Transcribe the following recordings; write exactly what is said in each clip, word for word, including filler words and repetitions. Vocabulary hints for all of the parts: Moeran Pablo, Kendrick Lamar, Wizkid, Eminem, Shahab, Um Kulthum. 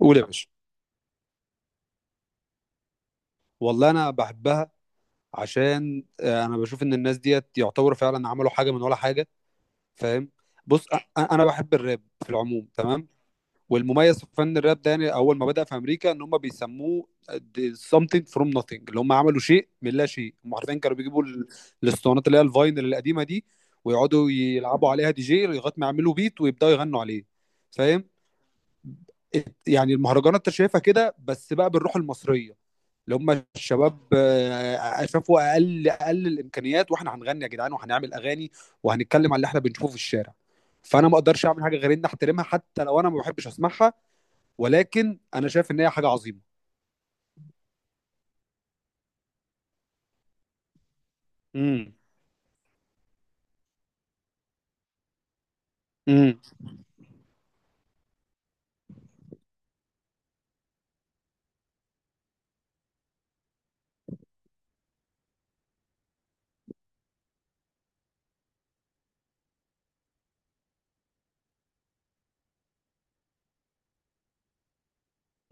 قول يا باشا. والله انا بحبها عشان آه، انا بشوف ان الناس ديت يعتبروا فعلا عملوا حاجه من ولا حاجه. فاهم. بص أ- انا بحب الراب في العموم. تمام. والمميز في فن الراب ده يعني اول ما بدأ في امريكا، ان هم بيسموه آه، the something from nothing، اللي هم عملوا شيء من لا شيء. هم حرفيا كانوا بيجيبوا ال- الاسطوانات اللي هي الفاينل القديمه دي، ويقعدوا يلعبوا عليها دي جي لغايه ما يعملوا بيت ويبداوا يغنوا عليه. فاهم. ات- يعني المهرجانات انت شايفها كده بس بقى بالروح المصريه، اللي هم الشباب آه، شافوا اقل اقل الامكانيات، واحنا هنغني يا جدعان وهنعمل اغاني وهنتكلم عن اللي احنا بنشوفه في الشارع. فانا ما اقدرش اعمل حاجه غير ان احترمها، حتى لو انا ما بحبش اسمعها، ولكن انا شايف ان هي حاجه عظيمه. امم. امم.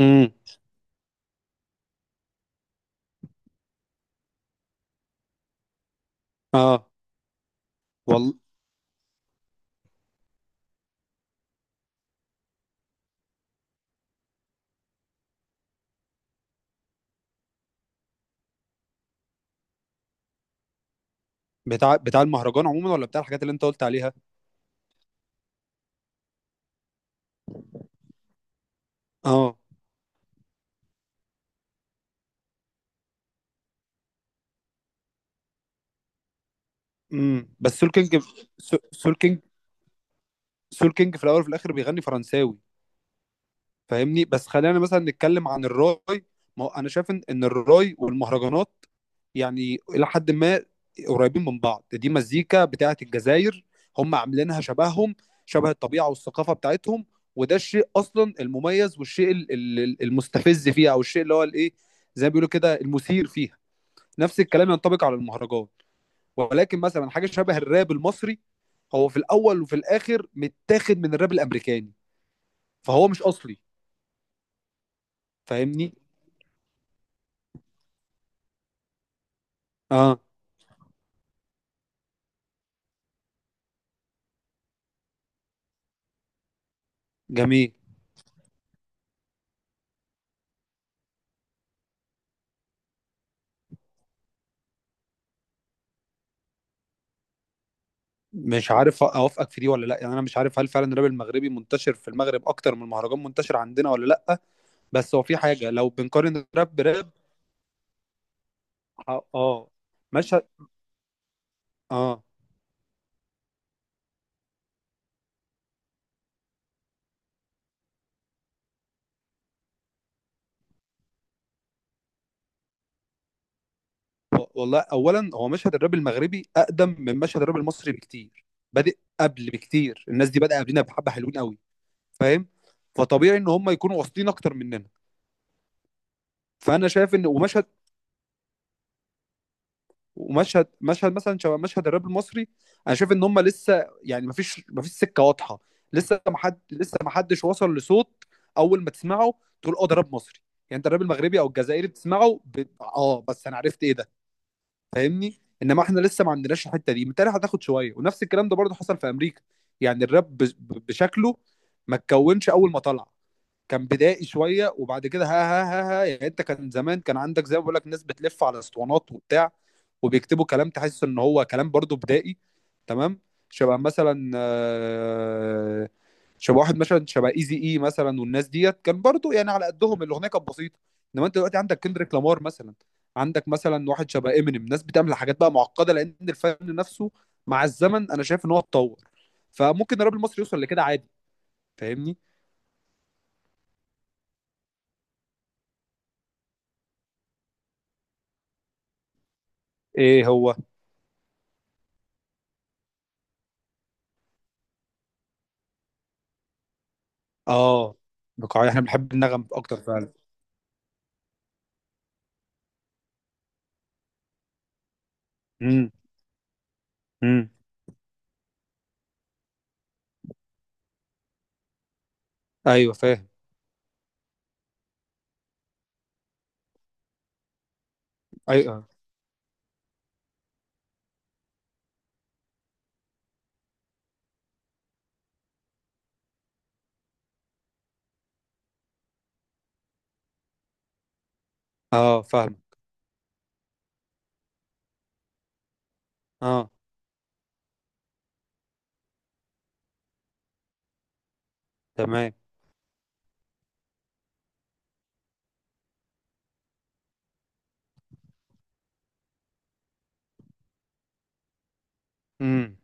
امم. اه. والله. بتاع بتاع المهرجان عموما، ولا بتاع الحاجات اللي انت قلت عليها؟ اه. امم. بس سول كينج سول كينج سول كينج في الاول وفي الاخر بيغني فرنساوي. فاهمني. بس خلينا مثلا نتكلم عن الراي. ما هو انا شايف ان إن الراي والمهرجانات يعني الى حد ما قريبين من بعض. دي مزيكا بتاعه الجزائر، هم عاملينها شبههم، شبه الطبيعه والثقافه بتاعتهم. وده الشيء اصلا المميز، والشيء ال- ال- المستفز فيها، او الشيء اللي هو الايه، زي ما بيقولوا كده، المثير فيها. نفس الكلام ينطبق على المهرجان، ولكن مثلا حاجه شبه الراب المصري، هو في الاول وفي الاخر متاخد من الراب الامريكاني، فهو مش اصلي. فاهمني. اه جميل. مش عارف اوافقك في دي ولا لا، يعني انا مش عارف هل فعلا الراب المغربي منتشر في المغرب اكتر من المهرجان منتشر عندنا ولا لا. بس هو في حاجه لو بنقارن الراب براب. اه. آه. مشهد. اه. و- والله اولا هو مشهد الراب المغربي اقدم من مشهد الراب المصري بكتير. بادئ قبل بكتير. الناس دي بدأ قبلنا بحبه حلوين قوي. فاهم. فطبيعي ان هم يكونوا واصلين اكتر مننا. فانا شايف ان ومشهد ومشهد مشهد مثلا شبه مشهد الراب المصري. انا شايف ان هم لسه يعني مفيش مفيش سكه واضحه. لسه ما حد لسه ما حدش وصل لصوت اول ما تسمعه تقول اه ده راب مصري. يعني انت الراب المغربي او الجزائري بتسمعه ب... اه، بس انا عرفت ايه ده. فاهمني. انما احنا لسه ما عندناش الحته دي، بالتالي هتاخد شويه، ونفس الكلام ده برضه حصل في امريكا. يعني الراب ب... ب- بشكله ما اتكونش اول ما طلع. كان بدائي شويه، وبعد كده ها ها ها ها يعني انت كان زمان كان عندك، زي ما بقول لك، ناس بتلف على اسطوانات وبتاع، وبيكتبوا كلام تحس ان هو كلام برضو بدائي. تمام. شبه مثلا آه، شبه واحد مثلا، شبه ايزي اي مثلا، والناس ديت كان برضو يعني على قدهم الاغنيه كانت بسيطه. انما انت دلوقتي عندك كندريك لامار مثلا، عندك مثلا واحد شبه امينيم، ناس بتعمل حاجات بقى معقده، لان الفن نفسه مع الزمن انا شايف ان هو اتطور. فممكن الراب المصري يوصل لكده عادي. فاهمني. ايه هو؟ اه. بقاعية. احنا بنحب النغم اكتر فعلا. امم. امم. ايوه فاهم. ايوه. اه فاهم. اه. تمام. امم.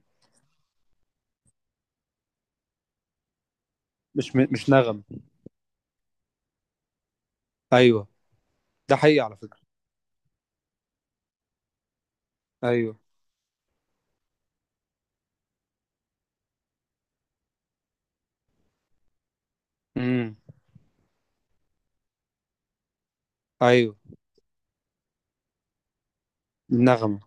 مش م... مش نغم. ايوه ده حقيقي على فكرة. ايوه. امم. ايوه. النغمة.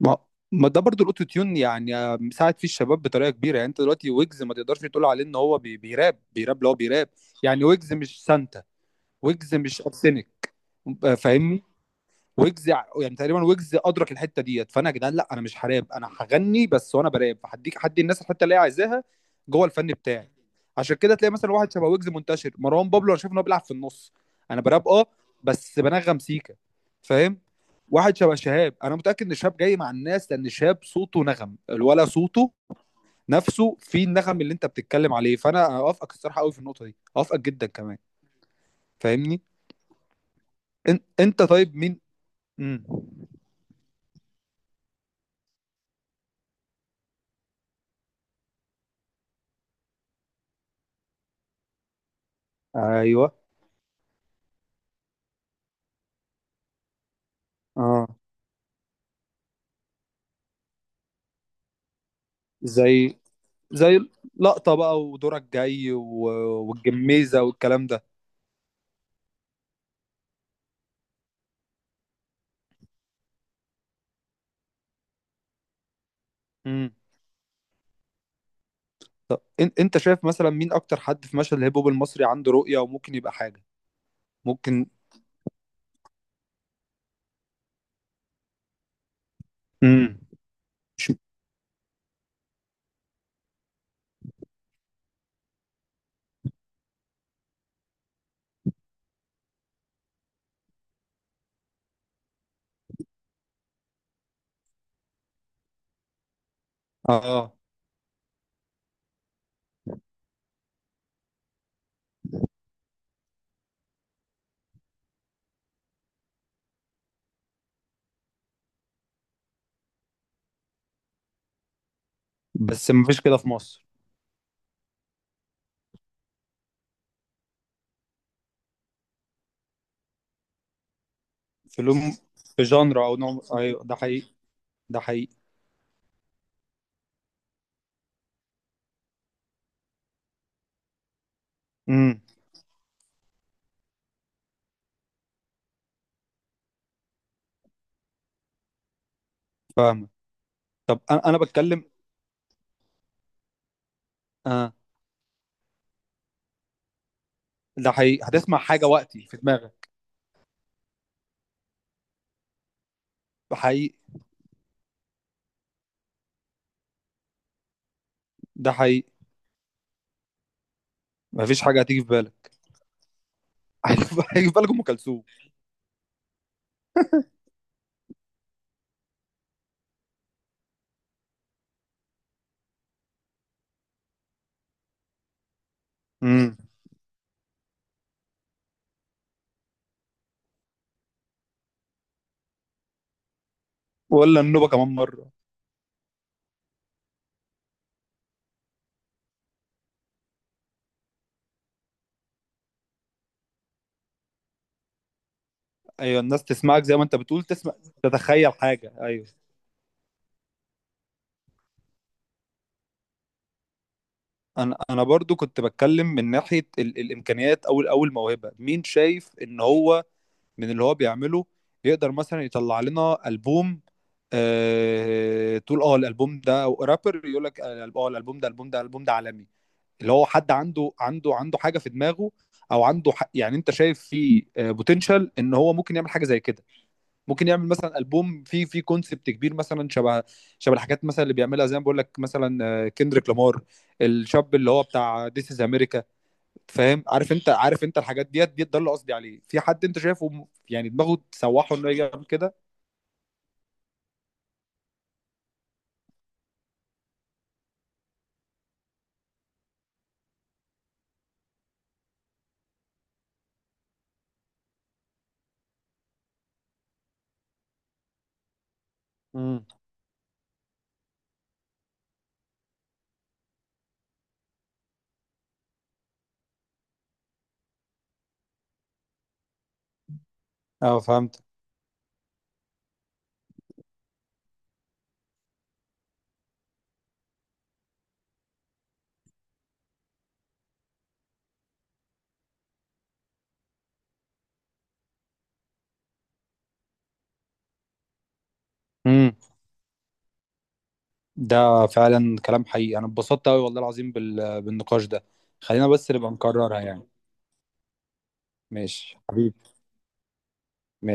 ما ما ده برضو الاوتو تيون، يعني آه، مساعد فيه الشباب بطريقه كبيره. يعني انت دلوقتي ويجز ما تقدرش تقول عليه ان هو بي... بيراب بيراب اللي هو بيراب. يعني ويجز مش سانتا. ويجز مش ارسنك. آه، فاهمني. ويجز ع- يعني تقريبا ويجز ادرك الحته ديت. فانا يا جدعان، لا انا مش هراب، انا هغني بس، وانا براب هديك هدي الناس الحته اللي هي عايزاها جوه الفن بتاعي. عشان كده تلاقي مثلا واحد شبه ويجز منتشر، مروان بابلو. انا شايف ان هو بيلعب في النص. انا براب، اه، بس بنغم سيكا. فاهم. واحد شبه شهاب، انا متاكد ان شهاب جاي مع الناس، لان شهاب صوته نغم الولا صوته نفسه في النغم اللي انت بتتكلم عليه. فانا اوافقك الصراحه قوي في النقطه دي، اوافقك جدا كمان. فاهمني. إن... انت طيب مين؟ امم. ايوه. اه. زي زي لقطة بقى ودورك جاي و- والجميزة والكلام ده. امم. طب إن- انت شايف مثلا مين اكتر حد في مشهد الهيب هوب المصري عنده رؤية وممكن يبقى حاجة؟ ممكن. امم. مش- اه بس مفيش كده في مصر. في لون، في جانرا او نوع، ايوه ده حقيقي. ده حقيقي. امم. فاهمك. طب انا انا بتكلم. اه ده حقيقي، هتسمع حاجة وقتي في دماغك. ده حقيقي. ده حقيقي، مفيش حاجة هتيجي في بالك. هيجي في بالك ام كلثوم. امم. ولا النوبة كمان مرة. ايوه، الناس تسمعك زي ما انت بتقول، تسمع، تتخيل حاجه، ايوه. انا انا برضو كنت بتكلم من ناحيه ال... الامكانيات، او او الموهبه. مين شايف ان هو من اللي هو بيعمله يقدر مثلا يطلع لنا البوم؟ آه... تقول اه الالبوم ده، او رابر يقول لك اه آه، الالبوم ده الالبوم ده الالبوم ده عالمي. اللي هو حد عنده عنده عنده حاجه في دماغه، او عنده ح... يعني انت شايف فيه بوتنشال ان هو ممكن يعمل حاجه زي كده. ممكن يعمل مثلا البوم فيه فيه كونسبت كبير مثلا، شبه شبه الحاجات مثلا اللي بيعملها زي ما بقول لك مثلا كندريك لامار، الشاب اللي هو بتاع ذيس از امريكا. فاهم. عارف انت، عارف انت الحاجات ديت ديت ده اللي قصدي عليه. في حد انت شايفه م- يعني دماغه تسوحه انه يعمل كده. امم. اه فهمت. امم. ده فعلا كلام حقيقي، انا اتبسطت قوي والله العظيم بال... بالنقاش ده. خلينا بس نبقى نكررها يعني. ماشي حبيبي.